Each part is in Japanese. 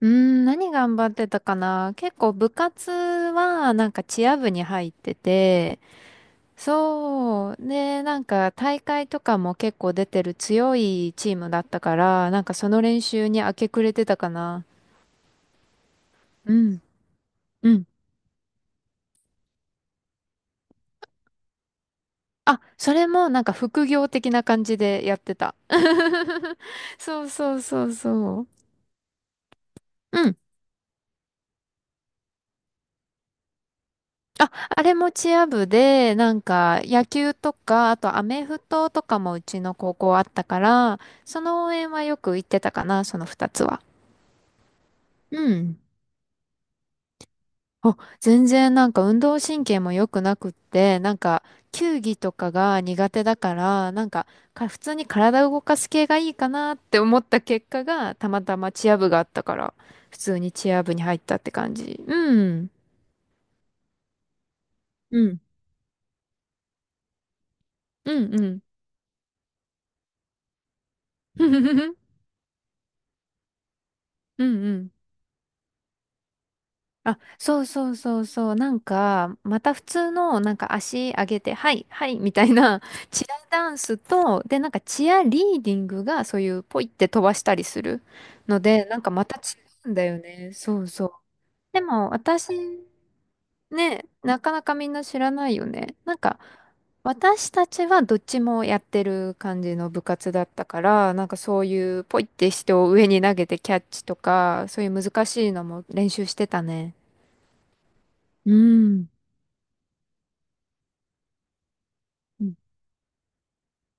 うーん、何頑張ってたかな。結構部活はなんかチア部に入ってて、そう。で、なんか大会とかも結構出てる強いチームだったから、なんかその練習に明け暮れてたかな。うん。うん。あ、それもなんか副業的な感じでやってた。そうそうそうそう。あ、あれもチア部で、なんか野球とか、あとアメフトとかもうちの高校あったから、その応援はよく行ってたかな、その二つは。うん。あ、全然なんか運動神経も良くなくって、なんか球技とかが苦手だから、なんか、か普通に体を動かす系がいいかなって思った結果が、たまたまチア部があったから、普通にチア部に入ったって感じ。うん。うんうんうん。うんうん。あ、そうそうそうそう。なんか、また普通の、なんか足上げて、はい、はい、みたいな、チアダンスと、で、なんかチアリーディングが、そういう、ポイって飛ばしたりするので、なんかまた違うんだよね。そうそう。でも、私、ね、なかなかみんな知らないよね。なんか、私たちはどっちもやってる感じの部活だったから、なんかそういうポイって人を上に投げてキャッチとか、そういう難しいのも練習してたね。うん。うん。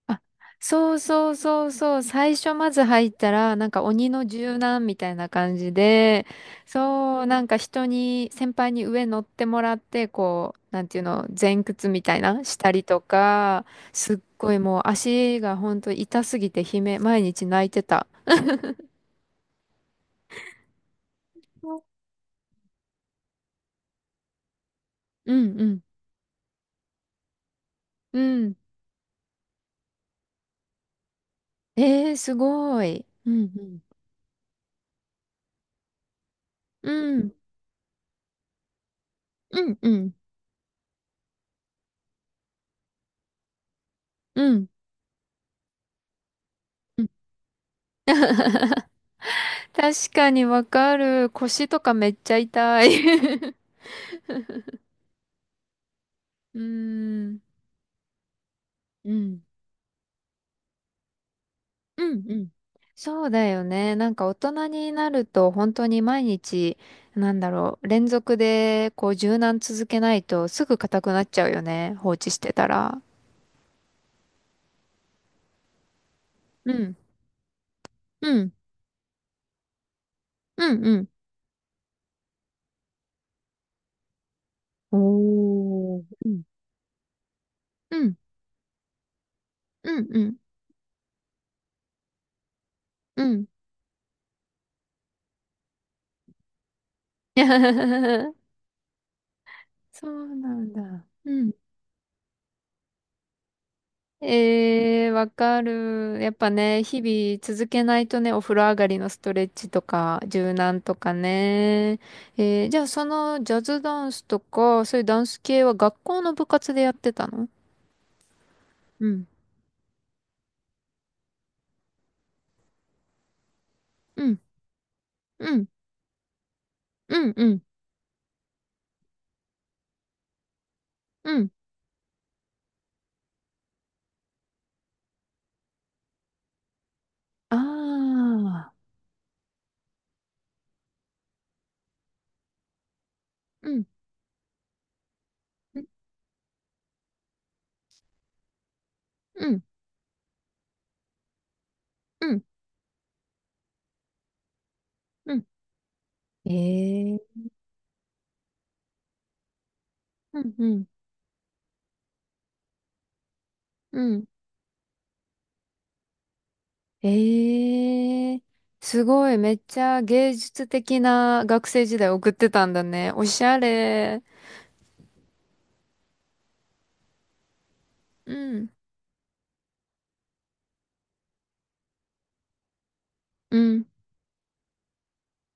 あ、そうそうそうそう。最初まず入ったら、なんか鬼の柔軟みたいな感じで、そう、なんか人に、先輩に上乗ってもらって、こう、なんていうの、前屈みたいな、したりとか、すっごいもう足がほんと痛すぎて悲鳴、毎日泣いてた。うんうんうん。うん。えー、すごい。うんうん。うん。うんうん。うん。確かにわかる。腰とかめっちゃ痛い。うーん。うん。うんうん。そうだよね。なんか大人になると本当に毎日、なんだろう、連続でこう柔軟続けないとすぐ硬くなっちゃうよね。放置してたら。うん。うん。うんうん。おー。うん。うん。うんうん。うん。そうなんだ。うん。えー、わかる。やっぱね、日々続けないとね、お風呂上がりのストレッチとか、柔軟とかね。えー、じゃあそのジャズダンスとか、そういうダンス系は学校の部活でやってたの？うん、うん、うん、うん、うん、うん、ああうん、うん、うん、うん、うん、えーうん、うん、うん。ええ。すごい、めっちゃ芸術的な学生時代送ってたんだね。おしゃれ。うん、うん、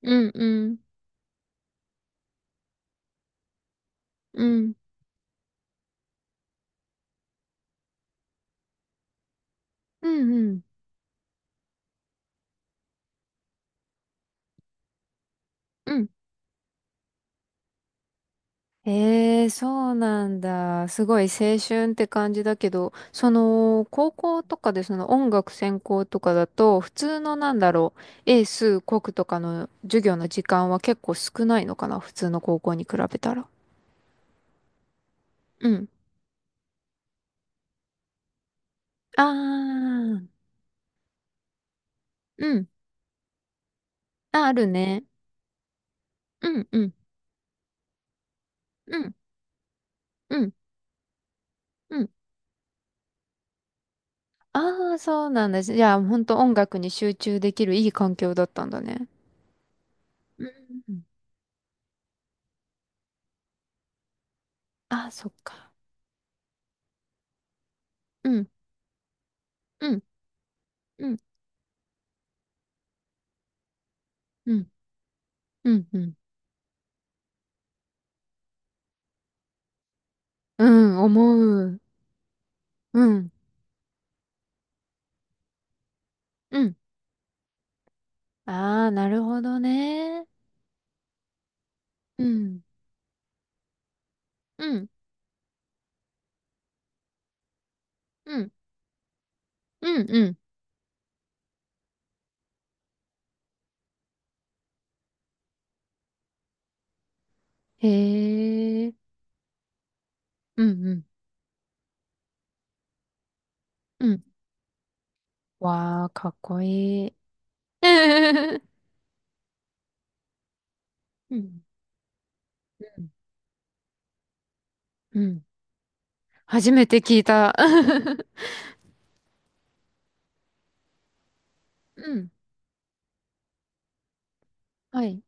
うん、うん、うん、うん、うん。うん。えー、そうなんだ。すごい青春って感じだけど、その、高校とかでその音楽専攻とかだと、普通のなんだろう、英数国とかの授業の時間は結構少ないのかな、普通の高校に比べたら。うん。あー、うん。あ、あるね。うん、うん、うん、うん、うん。あー、そうなんだ。じゃあ、ほんと音楽に集中できるいい環境だったんだね。うん。あ、そっか。うん、うん、うん、うん、うん、うん、うん思う。うん、うん。ああ、なるほどね。うん、うん、うん、うん、うん。へえ、うん、うん、うん。わあ、かっこいい。うん、うん、うん。初めて聞いた。うん、はい。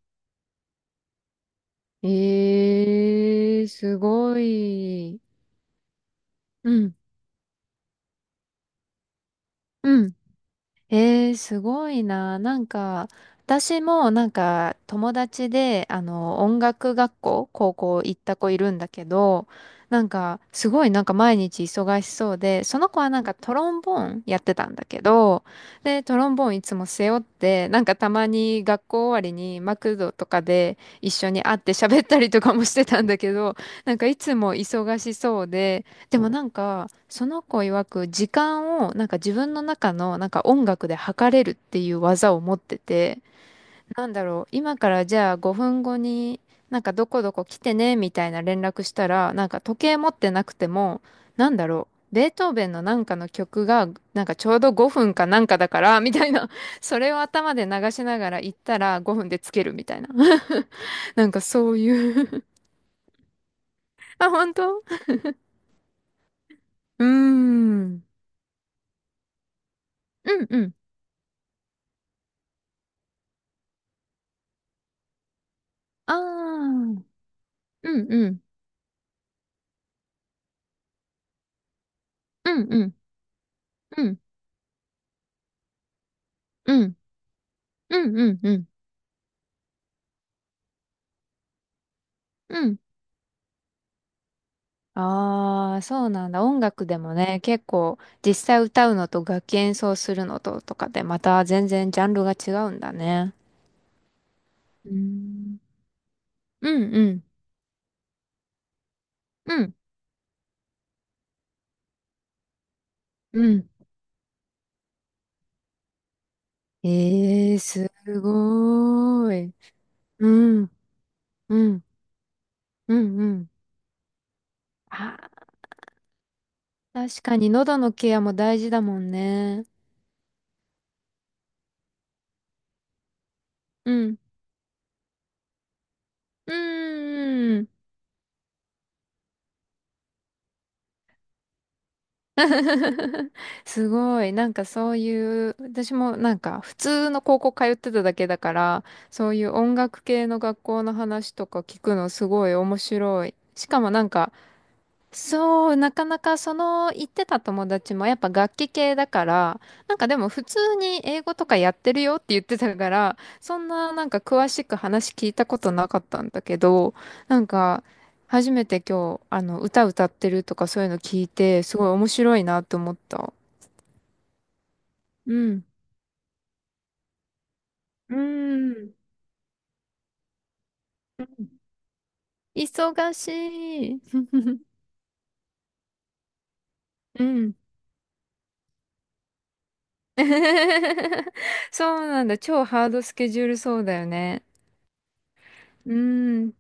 ええ、すごい。うん、うん、えー、すごいな。なんか、私もなんか友達で、あの、音楽学校、高校行った子いるんだけど、なんか、すごいなんか毎日忙しそうで、その子はなんかトロンボーンやってたんだけど、で、トロンボーンいつも背負って、なんかたまに学校終わりにマクドとかで一緒に会って喋ったりとかもしてたんだけど、なんかいつも忙しそうで、でもなんか、その子曰く時間をなんか自分の中のなんか音楽で測れるっていう技を持ってて、なんだろう、今からじゃあ5分後になんかどこどこ来てねみたいな連絡したら、なんか時計持ってなくても、なんだろう、ベートーベンのなんかの曲がなんかちょうど5分かなんかだからみたいな、それを頭で流しながら行ったら5分でつけるみたいな。なんかそういう。 あ、本当。うーん。うんうん。ああ。うんうん。うんうん。うんうん。うんうんうん。うん。ああ、そうなんだ。音楽でもね、結構実際歌うのと楽器演奏するのととかでまた全然ジャンルが違うんだね。うーん。うんうん。うん。うん。ええー、すごーい。うん。うん。うんうん。あー、確かに喉のケアも大事だもんね。うん。うーん。すごい。なんかそういう、私もなんか普通の高校通ってただけだから、そういう音楽系の学校の話とか聞くのすごい面白い。しかもなんかそう、なかなかその言ってた友達もやっぱ楽器系だから、なんかでも普通に英語とかやってるよって言ってたから、そんななんか詳しく話聞いたことなかったんだけど、なんか初めて今日あの歌歌ってるとかそういうの聞いて、すごい面白いなと思った。うん。うん。忙しい。うん。そうなんだ。超ハードスケジュールそうだよね。うん。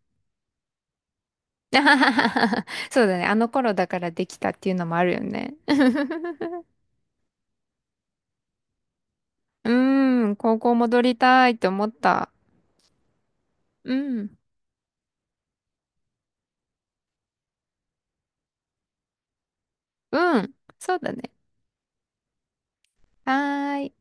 そうだね。あの頃だからできたっていうのもあるよね。うーん。高校戻りたいって思った。うん。うん。そうだね。はーい。